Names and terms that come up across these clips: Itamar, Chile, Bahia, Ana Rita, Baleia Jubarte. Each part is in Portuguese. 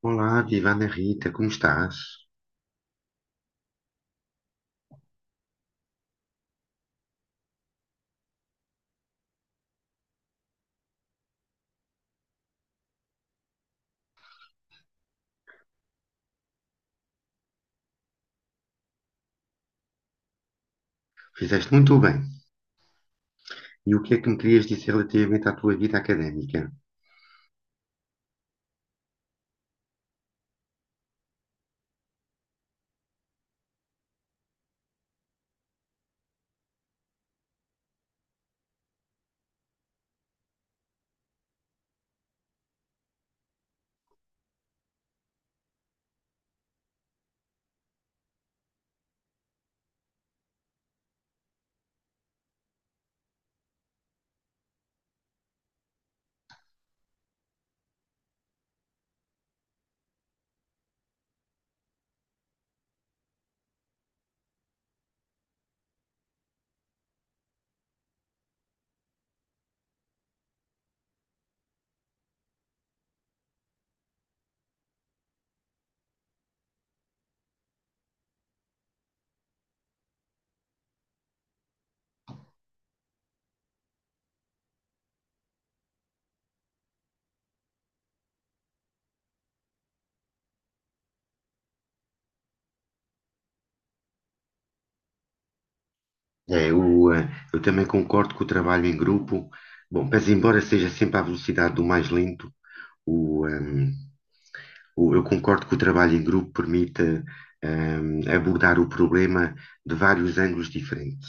Olá, viva Rita, como estás? Fizeste muito bem. E o que é que me querias dizer relativamente à tua vida académica? É, o, eh, eu também concordo que o trabalho em grupo, bom, mas embora seja sempre à velocidade do mais lento, o, ehm, eu concordo que o trabalho em grupo permite, abordar o problema de vários ângulos diferentes.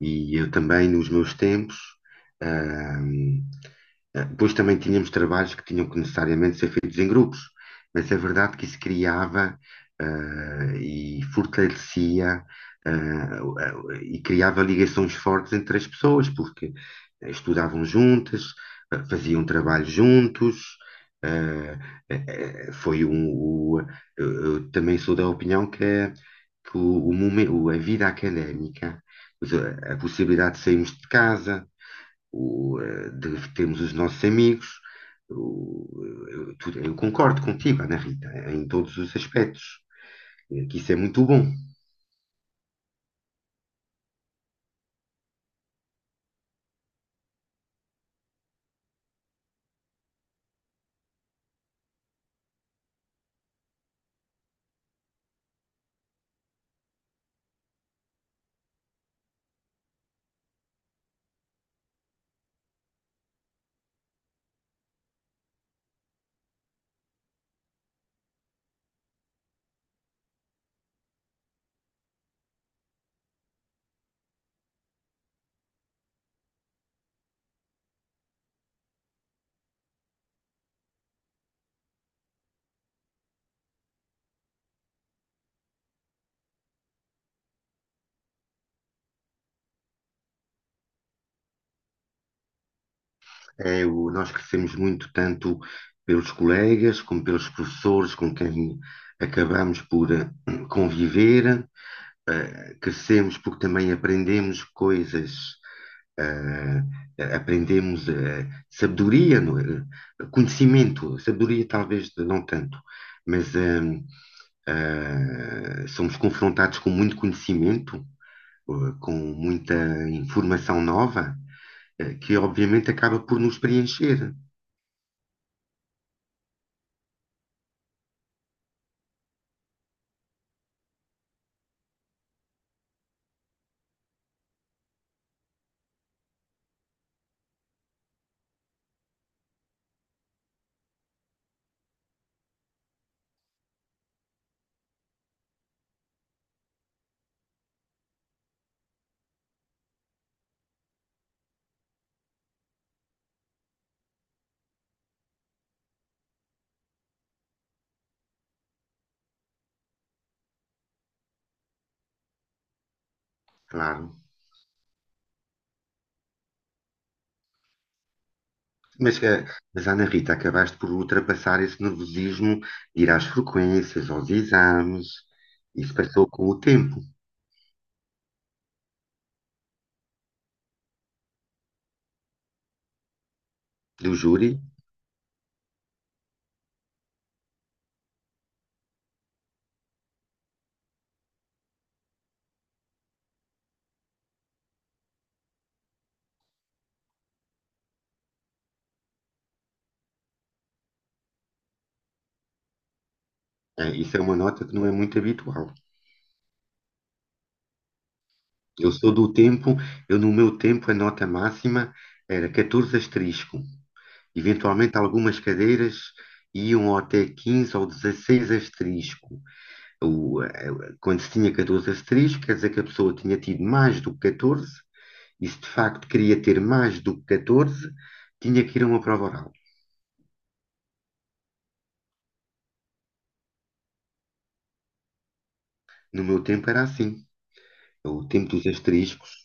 E eu também, nos meus tempos, ahm, depois também tínhamos trabalhos que tinham que necessariamente ser feitos em grupos, mas é verdade que isso criava, e fortalecia, e criava ligações fortes entre as pessoas, porque estudavam juntas, faziam trabalho juntos. eh, eh, eh, foi um, o- eu também sou da opinião que a vida académica a possibilidade de sairmos de casa, de termos os nossos amigos. o- eu concordo contigo, Ana Rita, em todos os aspectos, que isso é muito bom. É, nós crescemos muito, tanto pelos colegas, como pelos professores com quem acabamos por conviver. Crescemos porque também aprendemos coisas Ah, Aprendemos sabedoria, não é? Conhecimento, sabedoria talvez não tanto, mas somos confrontados com muito conhecimento, com muita informação nova, que obviamente acaba por nos preencher, claro. Mas, ah, mas, Ana Rita, acabaste por ultrapassar esse nervosismo, ir às frequências, aos exames, isso passou com o tempo do júri. Isso é uma nota que não é muito habitual. Eu sou do tempo, eu no meu tempo a nota máxima era 14 asterisco. Eventualmente algumas cadeiras iam até 15 ou 16 asterisco. O, eh, Quando se tinha 14 asterisco, quer dizer que a pessoa tinha tido mais do que 14, e se de facto queria ter mais do que 14, tinha que ir a uma prova oral. No meu tempo era assim. O tempo dos asteriscos.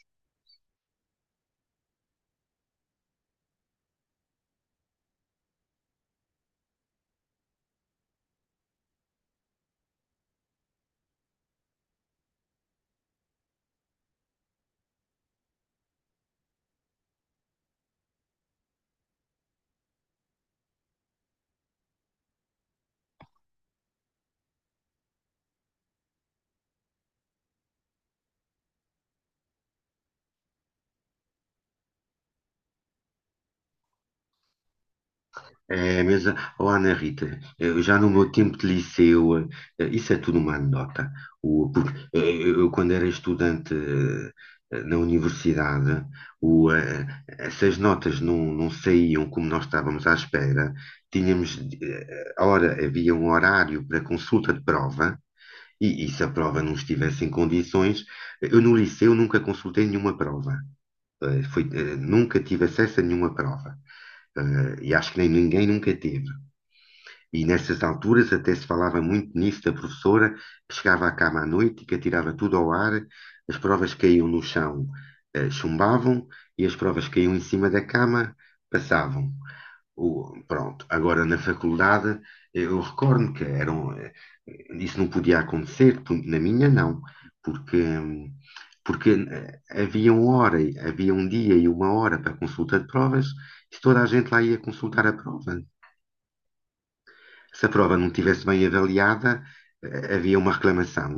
É. Mas, oh, Ana Rita, eu já no meu tempo de liceu, isso é tudo uma anedota. Porque eu, quando era estudante na universidade, essas notas não saíam como nós estávamos à espera. Tínhamos, havia um horário para consulta de prova, e se a prova não estivesse em condições, eu no liceu nunca consultei nenhuma prova. Nunca tive acesso a nenhuma prova e acho que nem ninguém nunca teve. E nessas alturas até se falava muito nisso da professora que chegava à cama à noite e que atirava tudo ao ar, as provas caíam no chão, chumbavam e as provas caíam em cima da cama, passavam. Agora na faculdade, eu recordo que eram, isso não podia acontecer, na minha não, porque, hum, porque havia uma hora, havia um dia e uma hora para consulta de provas, se toda a gente lá ia consultar a prova, se a prova não estivesse bem avaliada, havia uma reclamação.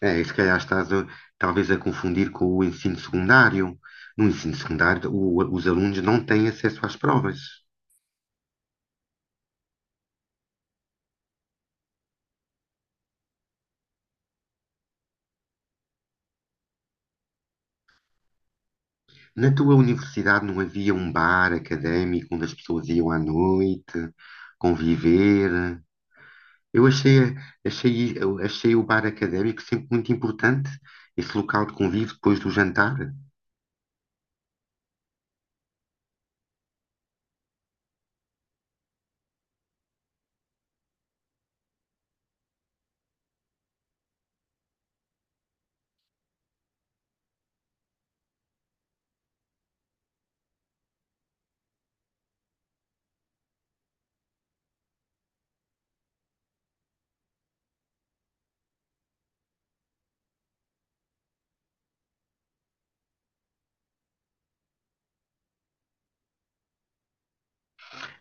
É, e se calhar talvez a confundir com o ensino secundário. No ensino secundário, os alunos não têm acesso às provas. Na tua universidade não havia um bar académico onde as pessoas iam à noite conviver. Eu achei, eu achei o bar académico sempre muito importante, esse local de convívio depois do jantar.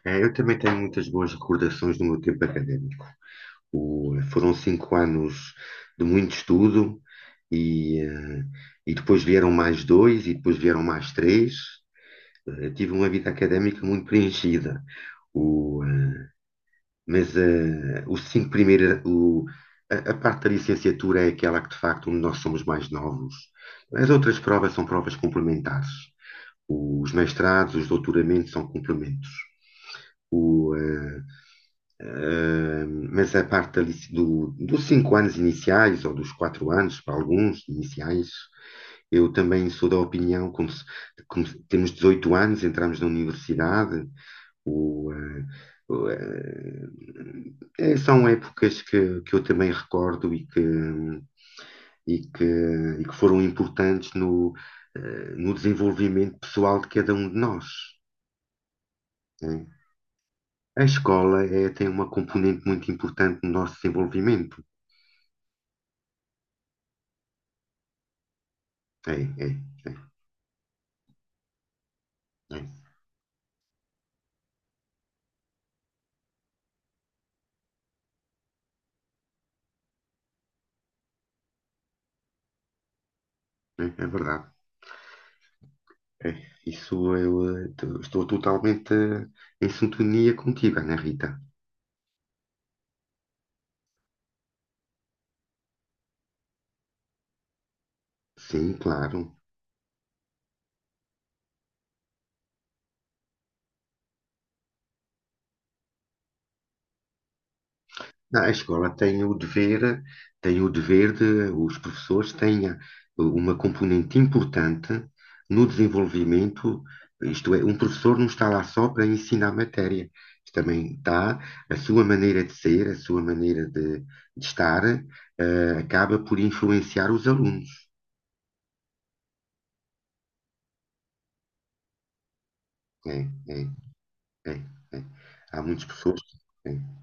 É, eu também tenho muitas boas recordações do meu tempo académico. Foram 5 anos de muito estudo e, eh, e depois vieram mais dois e depois vieram mais três. Eu tive uma vida académica muito preenchida. O, eh, mas os cinco primeiros, a parte da licenciatura é aquela que de facto onde nós somos mais novos. As outras provas são provas complementares. Os mestrados, os doutoramentos são complementos. Mas a parte dos 5 anos iniciais, ou dos 4 anos, para alguns iniciais, eu também sou da opinião, como se- temos 18 anos, entramos na universidade, o, eh, o, eh, são épocas que eu também recordo e que, e que foram importantes no, no desenvolvimento pessoal de cada um de nós. Né? A escola tem uma componente muito importante no nosso desenvolvimento. É, é, é, é, é verdade. É, isso eu estou totalmente em sintonia contigo, Ana Rita. Sim, claro. A escola tem o dever de os professores tenha uma componente importante no desenvolvimento. Isto é, um professor não está lá só para ensinar matéria. Também está a sua maneira de ser, a sua maneira de estar, acaba por influenciar os alunos. É, é. É, é. Há muitas pessoas.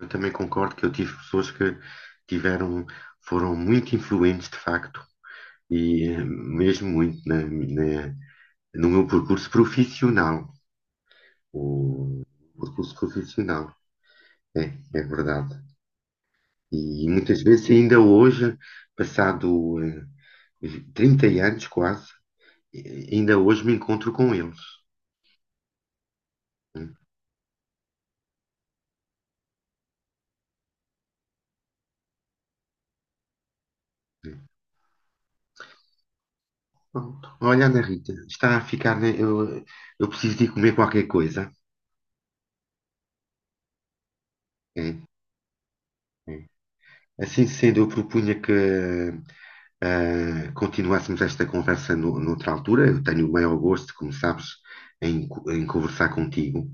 Eu também concordo que eu tive pessoas que tiveram, foram muito influentes de facto, e mesmo muito no meu percurso profissional. O percurso profissional, é, é verdade. E muitas vezes, ainda hoje, passado 30 anos quase, ainda hoje me encontro com eles. Né? Pronto. Olha, Ana Rita, está a ficar. Né, eu preciso de ir comer qualquer coisa. É, Sim. Assim sendo, eu propunha que continuássemos esta conversa no, noutra altura. Eu tenho o maior gosto, como sabes, em conversar contigo.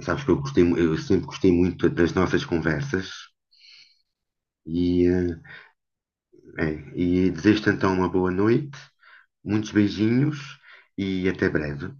Sabes que eu gostei, eu sempre gostei muito das nossas conversas. E, ah, e desejo-te então uma boa noite, muitos beijinhos e até breve.